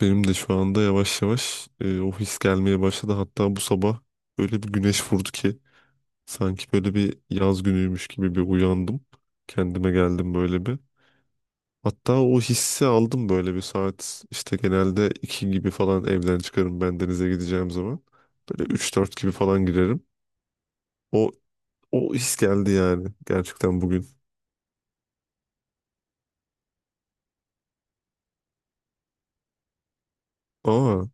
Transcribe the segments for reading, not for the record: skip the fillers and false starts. Benim de şu anda yavaş yavaş o his gelmeye başladı. Hatta bu sabah öyle bir güneş vurdu ki sanki böyle bir yaz günüymüş gibi bir uyandım. Kendime geldim böyle bir. Hatta o hissi aldım böyle bir saat işte genelde 2 gibi falan evden çıkarım ben denize gideceğim zaman. Böyle 3-4 gibi falan girerim. O, o his geldi yani gerçekten bugün. Aa,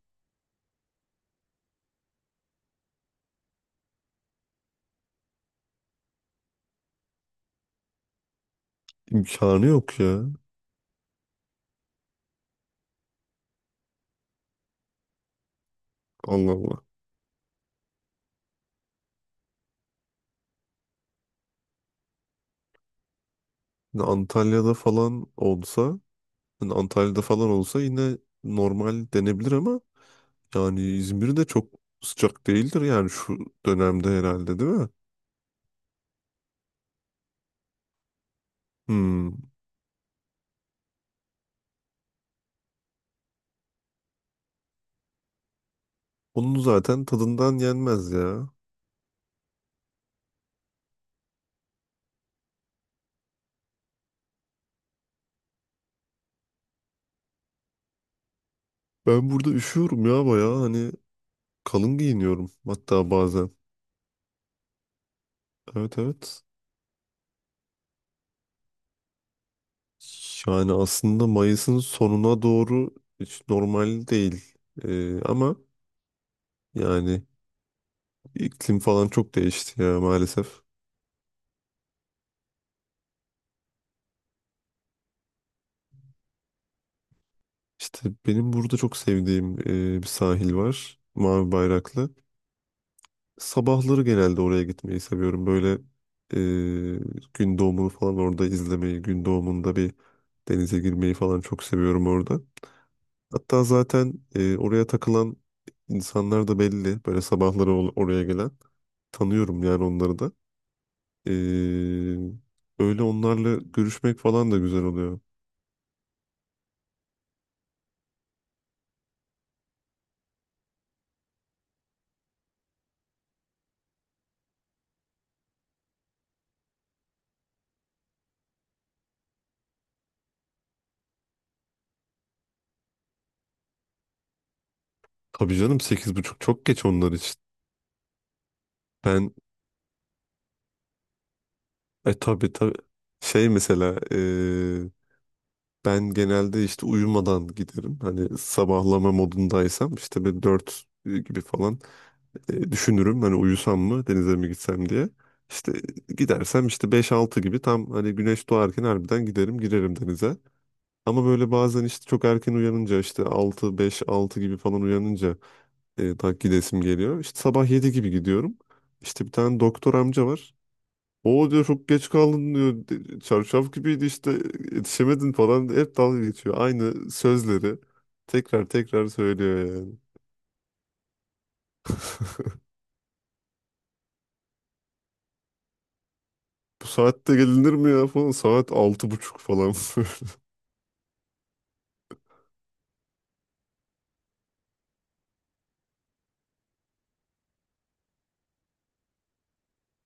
imkanı yok ya. Allah Allah. Antalya'da falan olsa Antalya'da falan olsa yine normal denebilir ama yani İzmir de çok sıcak değildir yani şu dönemde herhalde, değil mi? Hmm. Onun zaten tadından yenmez ya. Ben burada üşüyorum ya, bayağı hani kalın giyiniyorum hatta bazen. Evet, evet. Yani aslında Mayıs'ın sonuna doğru hiç normal değil. Ama yani iklim falan çok değişti ya, maalesef. İşte benim burada çok sevdiğim bir sahil var. Mavi Bayraklı. Sabahları genelde oraya gitmeyi seviyorum. Böyle gün doğumunu falan orada izlemeyi, gün doğumunda bir denize girmeyi falan çok seviyorum orada. Hatta zaten oraya takılan insanlar da belli. Böyle sabahları oraya gelen. Tanıyorum yani onları da. E, öyle onlarla görüşmek falan da güzel oluyor. Tabii canım, 8:30 çok geç onlar için. Ben E tabii, tabii. Şey mesela ben genelde işte uyumadan giderim. Hani sabahlama modundaysam işte bir 4 gibi falan düşünürüm. Hani uyusam mı denize mi gitsem diye. İşte gidersem işte 5-6 gibi tam hani güneş doğarken harbiden giderim, girerim denize. Ama böyle bazen işte çok erken uyanınca, işte 5-6 gibi falan uyanınca daha gidesim geliyor. İşte sabah 7 gibi gidiyorum. İşte bir tane doktor amca var. O diyor çok geç kaldın diyor. Çarşaf gibiydi, işte yetişemedin" falan. Hep dalga geçiyor. Aynı sözleri tekrar tekrar söylüyor yani. Bu saatte gelinir mi ya falan. Saat 6:30 falan.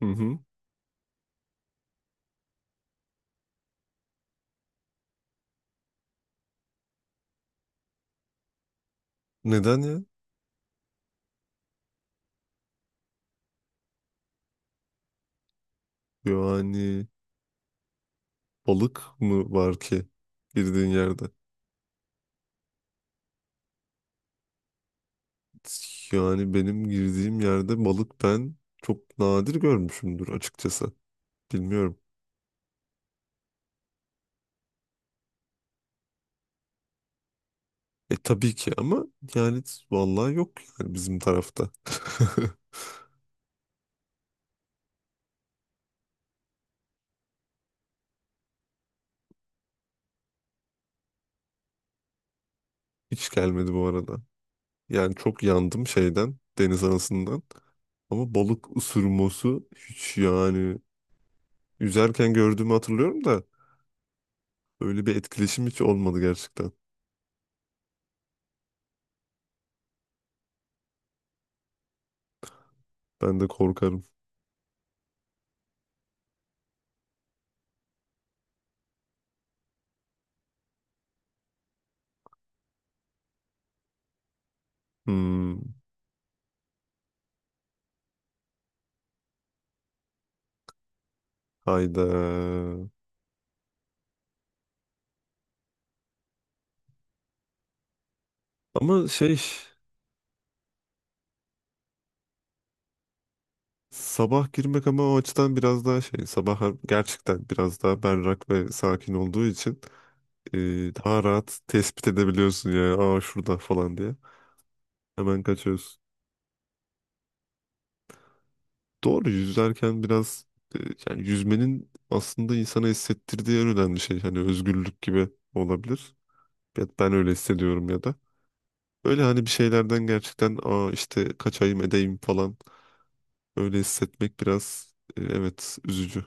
Hı hı. Neden ya? Yani balık mı var ki girdiğin yerde? Yani benim girdiğim yerde balık ben çok nadir görmüşümdür açıkçası. Bilmiyorum. E tabii ki ama yani vallahi yok yani bizim tarafta. Hiç gelmedi bu arada. Yani çok yandım şeyden, deniz anasından. Ama balık ısırması hiç yani, yüzerken gördüğümü hatırlıyorum da öyle bir etkileşim hiç olmadı gerçekten. Ben de korkarım. Hmm, hayda. Ama şey, sabah girmek ama o açıdan biraz daha şey, sabah gerçekten biraz daha berrak ve sakin olduğu için e, daha rahat tespit edebiliyorsun ya. Aa, şurada falan diye. Hemen kaçıyorsun. Doğru, yüzerken biraz e, yani yüzmenin aslında insana hissettirdiği en önemli şey hani özgürlük gibi olabilir. Ya ben öyle hissediyorum ya da. Öyle hani bir şeylerden gerçekten, aa işte kaçayım edeyim falan, öyle hissetmek biraz evet, üzücü.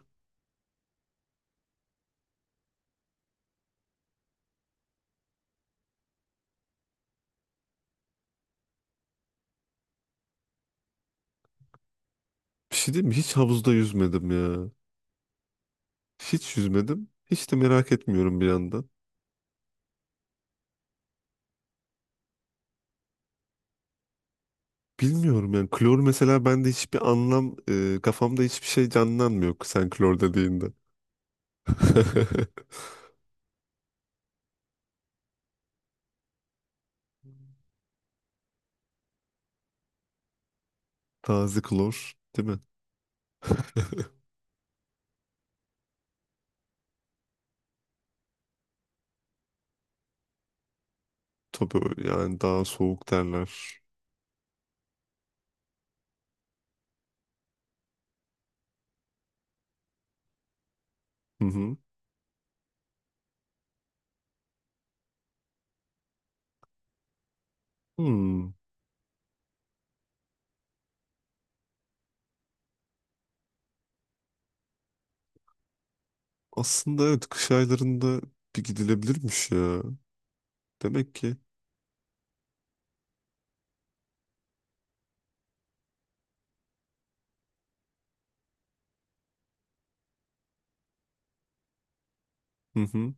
Bir şey diyeyim mi? Hiç havuzda yüzmedim ya. Hiç yüzmedim. Hiç de merak etmiyorum bir yandan. Bilmiyorum yani klor mesela bende hiçbir anlam kafamda hiçbir şey canlanmıyor sen klor dediğinde. Taze klor, değil mi? Tabii yani daha soğuk derler. Hı hı. Hmm. Aslında evet, kış aylarında bir gidilebilirmiş ya. Demek ki. Hı hı.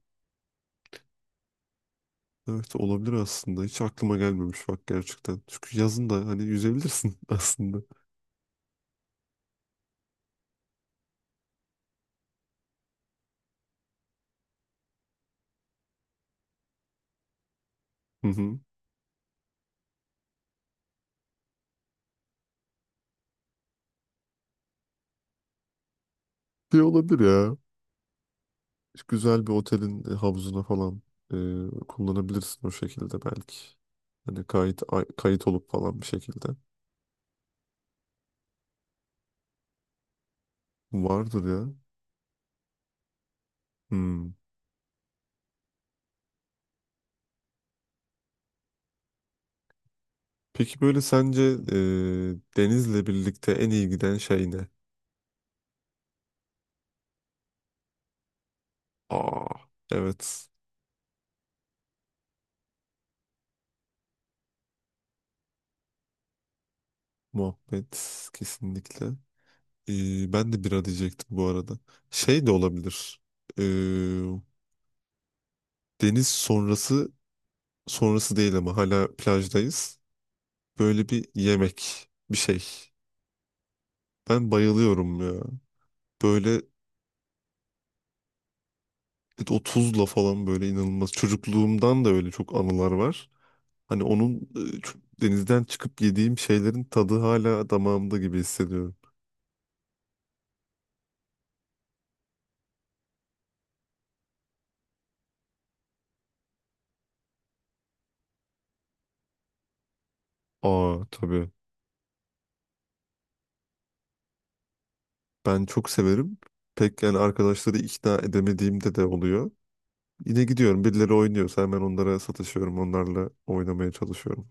Evet, olabilir aslında. Hiç aklıma gelmemiş bak gerçekten. Çünkü yazın da hani yüzebilirsin aslında. Hı hı. Bir olabilir ya. Güzel bir otelin havuzuna falan kullanabilirsin o şekilde belki. Hani kayıt olup falan bir şekilde. Vardır ya. Hmm. Peki böyle sence Deniz'le birlikte en iyi giden şey ne? Aa, evet. Muhabbet kesinlikle. E, ben de bira diyecektim bu arada. Şey de olabilir. E, Deniz sonrası değil ama hala plajdayız. Böyle bir yemek, bir şey. Ben bayılıyorum ya. Böyle o tuzla falan böyle inanılmaz. Çocukluğumdan da öyle çok anılar var. Hani onun denizden çıkıp yediğim şeylerin tadı hala damağımda gibi hissediyorum. Aa, tabii. Ben çok severim. Pek yani, arkadaşları ikna edemediğimde de oluyor. Yine gidiyorum, birileri oynuyorsa hemen onlara sataşıyorum. Onlarla oynamaya çalışıyorum.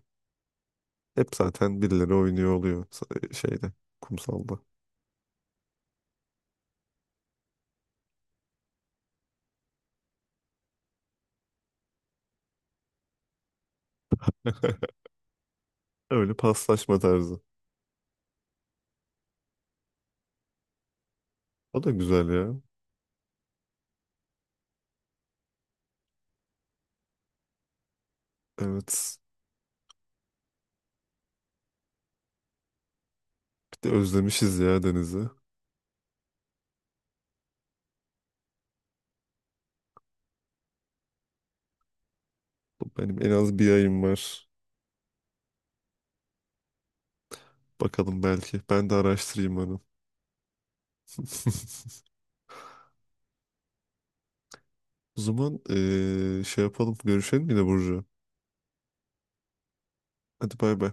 Hep zaten birileri oynuyor oluyor şeyde, kumsalda. Öyle paslaşma tarzı. O da güzel ya. Evet. Bir de özlemişiz ya denizi. Benim en az bir ayım var. Bakalım belki. Ben de araştırayım onu. O zaman şey yapalım. Görüşelim yine, Burcu. Hadi, bay bay.